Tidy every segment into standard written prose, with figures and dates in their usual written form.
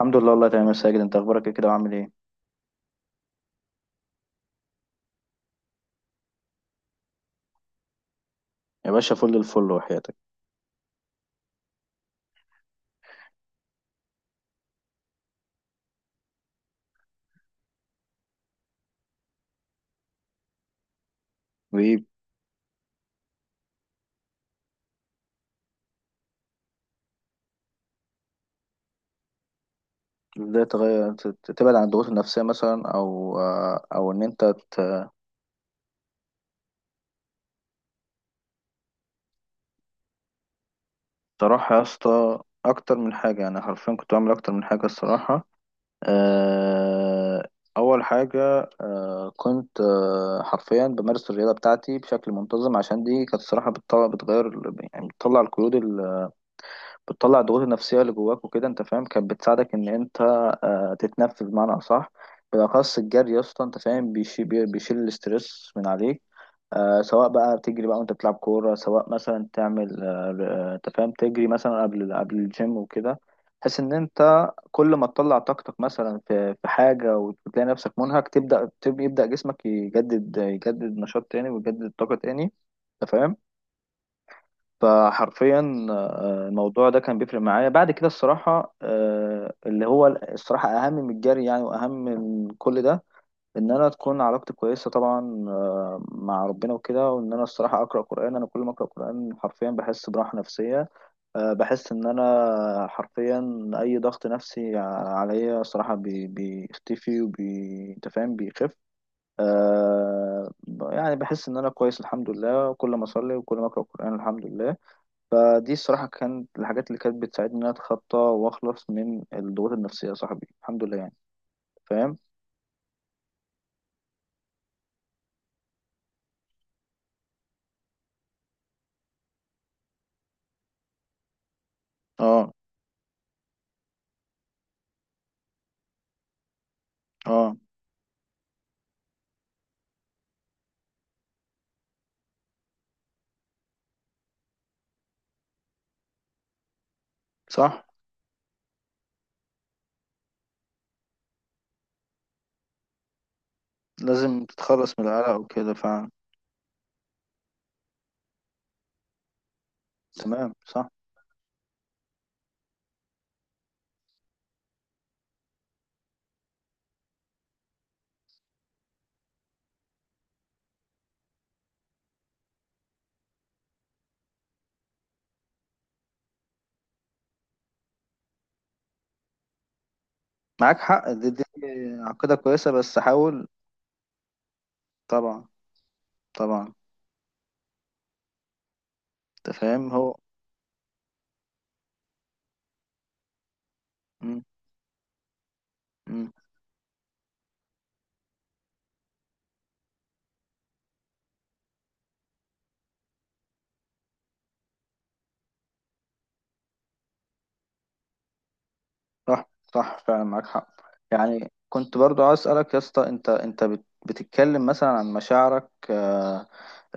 الحمد لله، والله تمام يا ساجد. انت اخبارك ايه كده وعامل ايه؟ يا باشا، فل الفل وحياتك. وايه؟ ازاي تغير تبعد عن الضغوط النفسية مثلا، او او ان انت ت- تروح يا اسطى؟ اكتر من حاجة، يعني حرفيا كنت بعمل اكتر من حاجة الصراحة. آه، اول حاجة، كنت حرفيا بمارس الرياضة بتاعتي بشكل منتظم، عشان دي كانت الصراحة بتطلع بتغير، يعني بتطلع القيود، بتطلع الضغوط النفسية اللي جواك وكده انت فاهم. كانت بتساعدك ان انت تتنفس بمعنى اصح. بالاخص الجري يا اسطى انت فاهم، بيشيل الاسترس من عليك. سواء بقى بتجري بقى وانت بتلعب كورة، سواء مثلا تعمل انت فاهم تجري مثلا قبل الجيم وكده، بحيث ان انت كل ما تطلع طاقتك مثلا في حاجة وتلاقي نفسك منهك، يبدأ جسمك يجدد نشاط تاني ويجدد طاقة تاني. انت فاهم؟ فحرفيا الموضوع ده كان بيفرق معايا. بعد كده الصراحة، اللي هو الصراحة أهم من الجري يعني، وأهم من كل ده، إن أنا تكون علاقتي كويسة طبعا مع ربنا وكده، وإن أنا الصراحة أقرأ قرآن. أنا كل ما أقرأ قرآن حرفيا بحس براحة نفسية. بحس إن أنا حرفيا أي ضغط نفسي عليا صراحة بيختفي، أنت فاهم بيخف. آه، يعني بحس إن أنا كويس الحمد لله كل ما أصلي وكل ما أقرأ قرآن الحمد لله. فدي الصراحة كانت الحاجات اللي كانت بتساعدني إن أنا أتخطى وأخلص من الضغوط النفسية يا صاحبي، الحمد لله يعني. فاهم؟ أه. أه. صح. لازم تتخلص من القلق وكده فعلا. تمام، صح. معاك حق. دي عقيدة كويسة، بس حاول. طبعا. طبعا. أنت فاهم هو. مم. مم. صح صح، فعلا معاك حق. يعني كنت برضو عايز اسالك يا اسطى، انت بتتكلم مثلا عن مشاعرك، آه،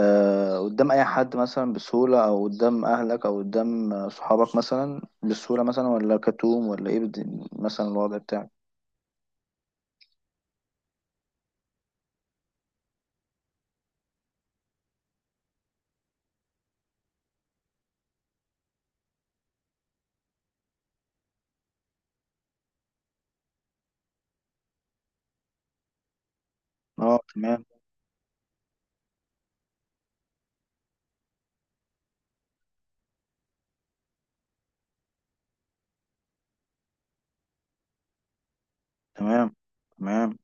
آه، قدام اي حد مثلا بسهوله، او قدام اهلك، او قدام صحابك مثلا بسهوله مثلا، ولا كتوم ولا ايه مثلا الوضع بتاعك؟ اه تمام. تمام تمام،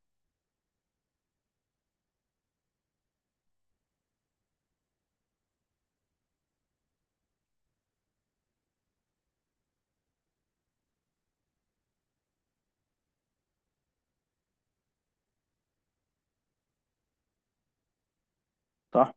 صح.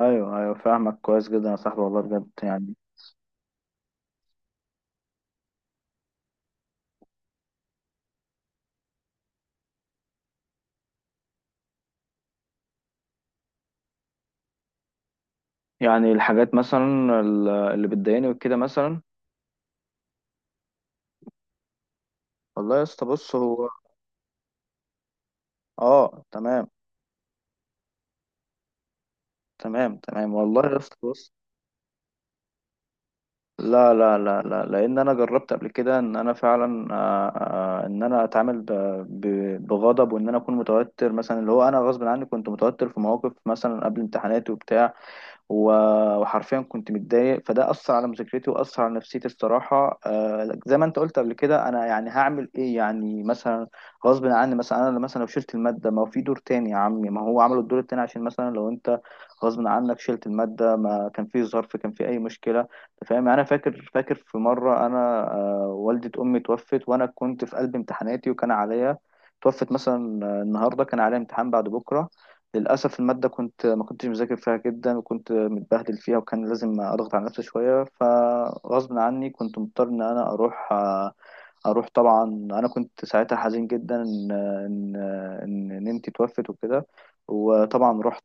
ايوه ايوه، فاهمك كويس جدا يا صاحبي والله، بجد يعني. يعني الحاجات مثلا، اللي بتضايقني وكده مثلا. والله يا اسطى بص هو. اه تمام. تمام تمام، والله يا اسطى بص، لا لا لا لا، لان انا جربت قبل كده ان انا فعلا ان انا اتعامل بغضب، وان انا اكون متوتر مثلا. اللي هو انا غصب عني كنت متوتر في مواقف مثلا قبل امتحاناتي وبتاع، وحرفيا كنت متضايق، فده أثر على مذاكرتي وأثر على نفسيتي الصراحة. زي ما أنت قلت قبل كده، أنا يعني هعمل إيه يعني مثلا؟ غصب عني مثلا، أنا مثلا لو شلت المادة، ما هو في دور تاني يا عمي، ما هو عملوا الدور التاني عشان مثلا لو أنت غصب عنك شلت المادة ما كان في ظرف، كان في أي مشكلة، أنت فاهم يعني؟ أنا فاكر في مرة أنا، والدة أمي توفت وأنا كنت في قلب امتحاناتي، وكان عليا. توفت مثلا النهارده، كان عليا امتحان بعد بكرة. للأسف المادة كنت ما كنتش مذاكر فيها جدا، وكنت متبهدل فيها، وكان لازم أضغط على نفسي شوية، فغصب عني كنت مضطر إن أنا أروح. طبعا أنا كنت ساعتها حزين جدا إن ننتي توفت وكده. وطبعا رحت،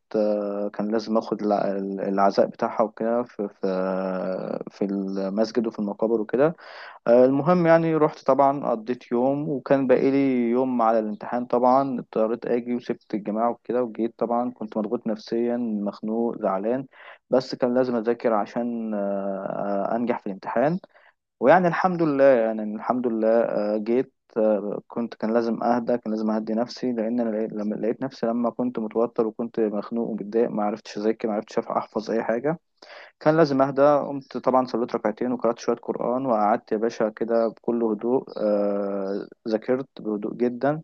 كان لازم أخد العزاء بتاعها وكده في في المسجد وفي المقابر وكده. المهم يعني رحت، طبعا قضيت يوم، وكان باقي لي يوم على الامتحان. طبعا اضطريت اجي وسبت الجماعة وكده، وجيت طبعا كنت مضغوط نفسيا مخنوق زعلان، بس كان لازم اذاكر عشان انجح في الامتحان. ويعني الحمد لله، آه، جيت آه، كنت كان لازم اهدى، كان لازم اهدي نفسي، لان انا لما لقيت نفسي لما كنت متوتر وكنت مخنوق ومتضايق، ما عرفتش اذاكر، ما عرفتش احفظ اي حاجة. كان لازم اهدى. قمت طبعا صليت ركعتين وقرأت شوية قرآن، وقعدت يا باشا كده بكل هدوء، ذاكرت بهدوء جدا.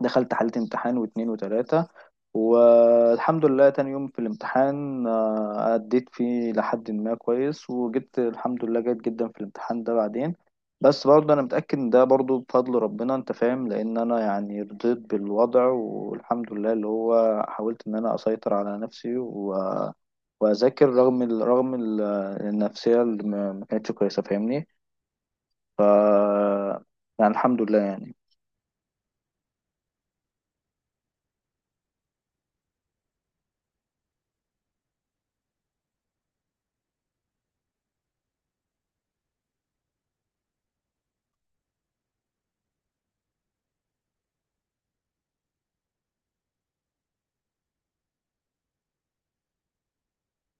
دخلت حالة امتحان، واتنين وتلاتة، والحمد لله تاني يوم في الامتحان، أديت فيه لحد ما كويس، وجبت الحمد لله جيد جدا في الامتحان ده بعدين. بس برضه أنا متأكد إن ده برضه بفضل ربنا، أنت فاهم، لأن أنا يعني رضيت بالوضع والحمد لله، اللي هو حاولت إن أنا أسيطر على نفسي وأذاكر، رغم النفسية اللي ما كانتش كويسة، فاهمني؟ ف يعني الحمد لله يعني.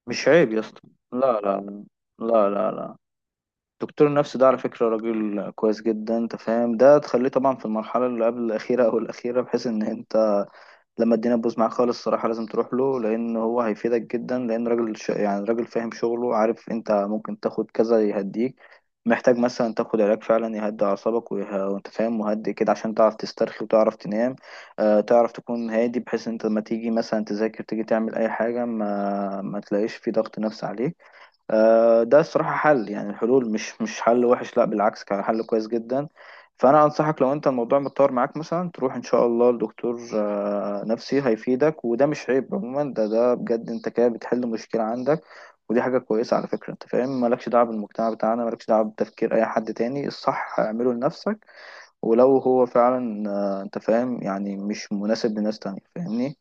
مش عيب يا اسطى. لا لا لا لا. دكتور النفس ده على فكرة راجل كويس جدا انت فاهم. ده تخليه طبعا في المرحلة اللي قبل الأخيرة أو الأخيرة، بحيث إن انت لما الدنيا تبوظ معاك خالص الصراحة لازم تروح له، لأن هو هيفيدك جدا، لأن راجل يعني راجل فاهم شغله، عارف انت ممكن تاخد كذا يهديك، محتاج مثلا تاخد علاج فعلا يهدي أعصابك وانت فاهم مهدي كده، عشان تعرف تسترخي وتعرف تنام. آه تعرف تكون هادي، بحيث انت لما تيجي مثلا تذاكر تيجي تعمل أي حاجة ما تلاقيش في ضغط نفسي عليك. ده الصراحة حل، يعني الحلول مش حل وحش، لا بالعكس كان حل كويس جدا. فأنا أنصحك لو أنت الموضوع متطور معاك، مثلا تروح إن شاء الله لدكتور نفسي هيفيدك، وده مش عيب عموما. ده بجد، أنت كده بتحل مشكلة عندك، ودي حاجة كويسة على فكرة، أنت فاهم. مالكش دعوة بالمجتمع بتاعنا، مالكش دعوة بتفكير أي حد تاني، الصح اعمله لنفسك. ولو هو فعلا أنت فاهم، يعني مش مناسب لناس تانية، فاهمني؟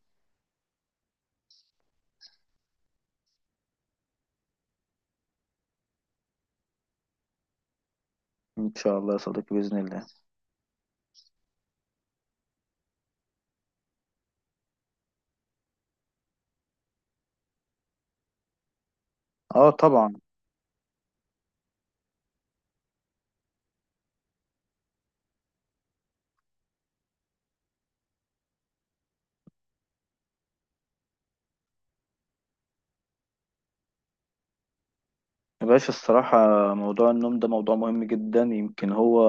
إن شاء الله يا صديقي بإذن الله. اه طبعا. يا باشا الصراحة موضوع النوم ده موضوع مهم جدا، يمكن هو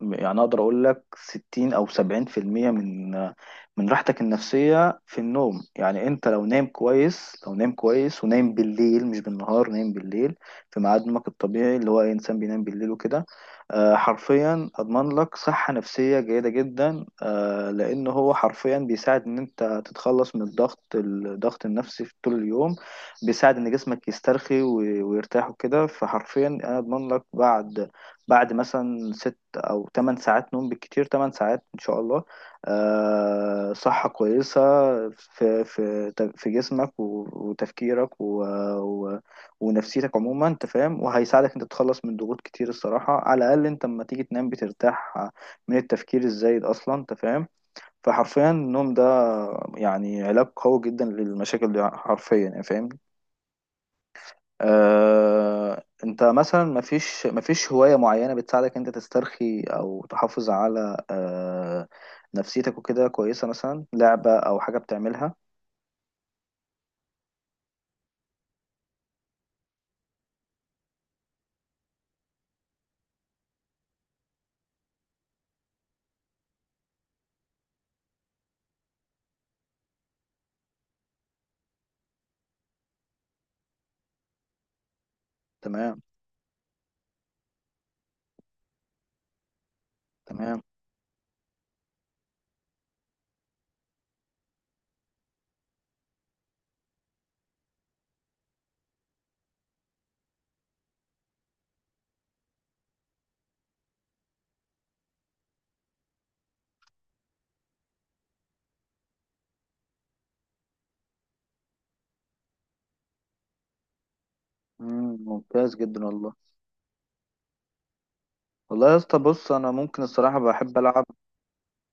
يعني أقدر أقول لك 60 أو 70% من راحتك النفسية في النوم. يعني أنت لو نايم كويس، لو نايم كويس ونايم بالليل مش بالنهار، نايم بالليل في ميعاد نومك الطبيعي، اللي هو أي إنسان بينام بالليل وكده، حرفيا أضمن لك صحة نفسية جيدة جدا. لأن هو حرفيا بيساعد إن أنت تتخلص من الضغط النفسي في طول اليوم، بيساعد ان جسمك يسترخي ويرتاح وكده. فحرفيا انا اضمن لك بعد مثلا ست او تمن ساعات نوم، بالكتير تمن ساعات ان شاء الله، آه صحة كويسة في جسمك وتفكيرك و و ونفسيتك عموما انت فاهم. وهيساعدك انت تتخلص من ضغوط كتير الصراحة، على الاقل انت لما تيجي تنام بترتاح من التفكير الزايد اصلا انت فاهم. فحرفيا النوم ده يعني علاج قوي جدا للمشاكل دي حرفيا يعني فاهم. انت مثلا مفيش هواية معينة بتساعدك انت تسترخي او تحافظ على نفسيتك وكده كويسة، مثلا لعبة او حاجة بتعملها؟ تمام. تمام. مم، ممتاز جدا والله. والله يا اسطى بص، انا ممكن الصراحة بحب العب.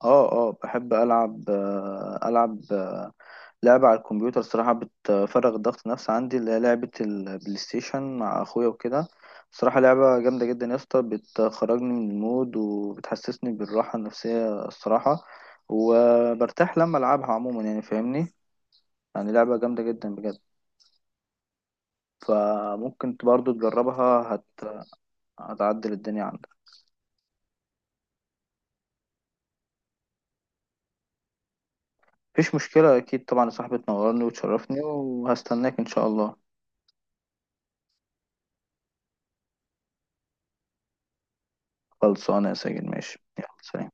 اه بحب العب، العب لعبة على الكمبيوتر صراحة بتفرغ الضغط النفسي عندي، اللي هي لعبة البلاي ستيشن مع أخويا وكده. صراحة لعبة جامدة جدا يا اسطى، بتخرجني من المود وبتحسسني بالراحة النفسية الصراحة، وبرتاح لما ألعبها عموما يعني فاهمني. يعني لعبة جامدة جدا بجد. فممكن برضو تجربها، هتعدل الدنيا عندك. مفيش مشكلة أكيد طبعا يا صاحبي، تنورني وتشرفني وهستناك إن شاء الله. خلصانة يا ساجد، ماشي، يلا سلام.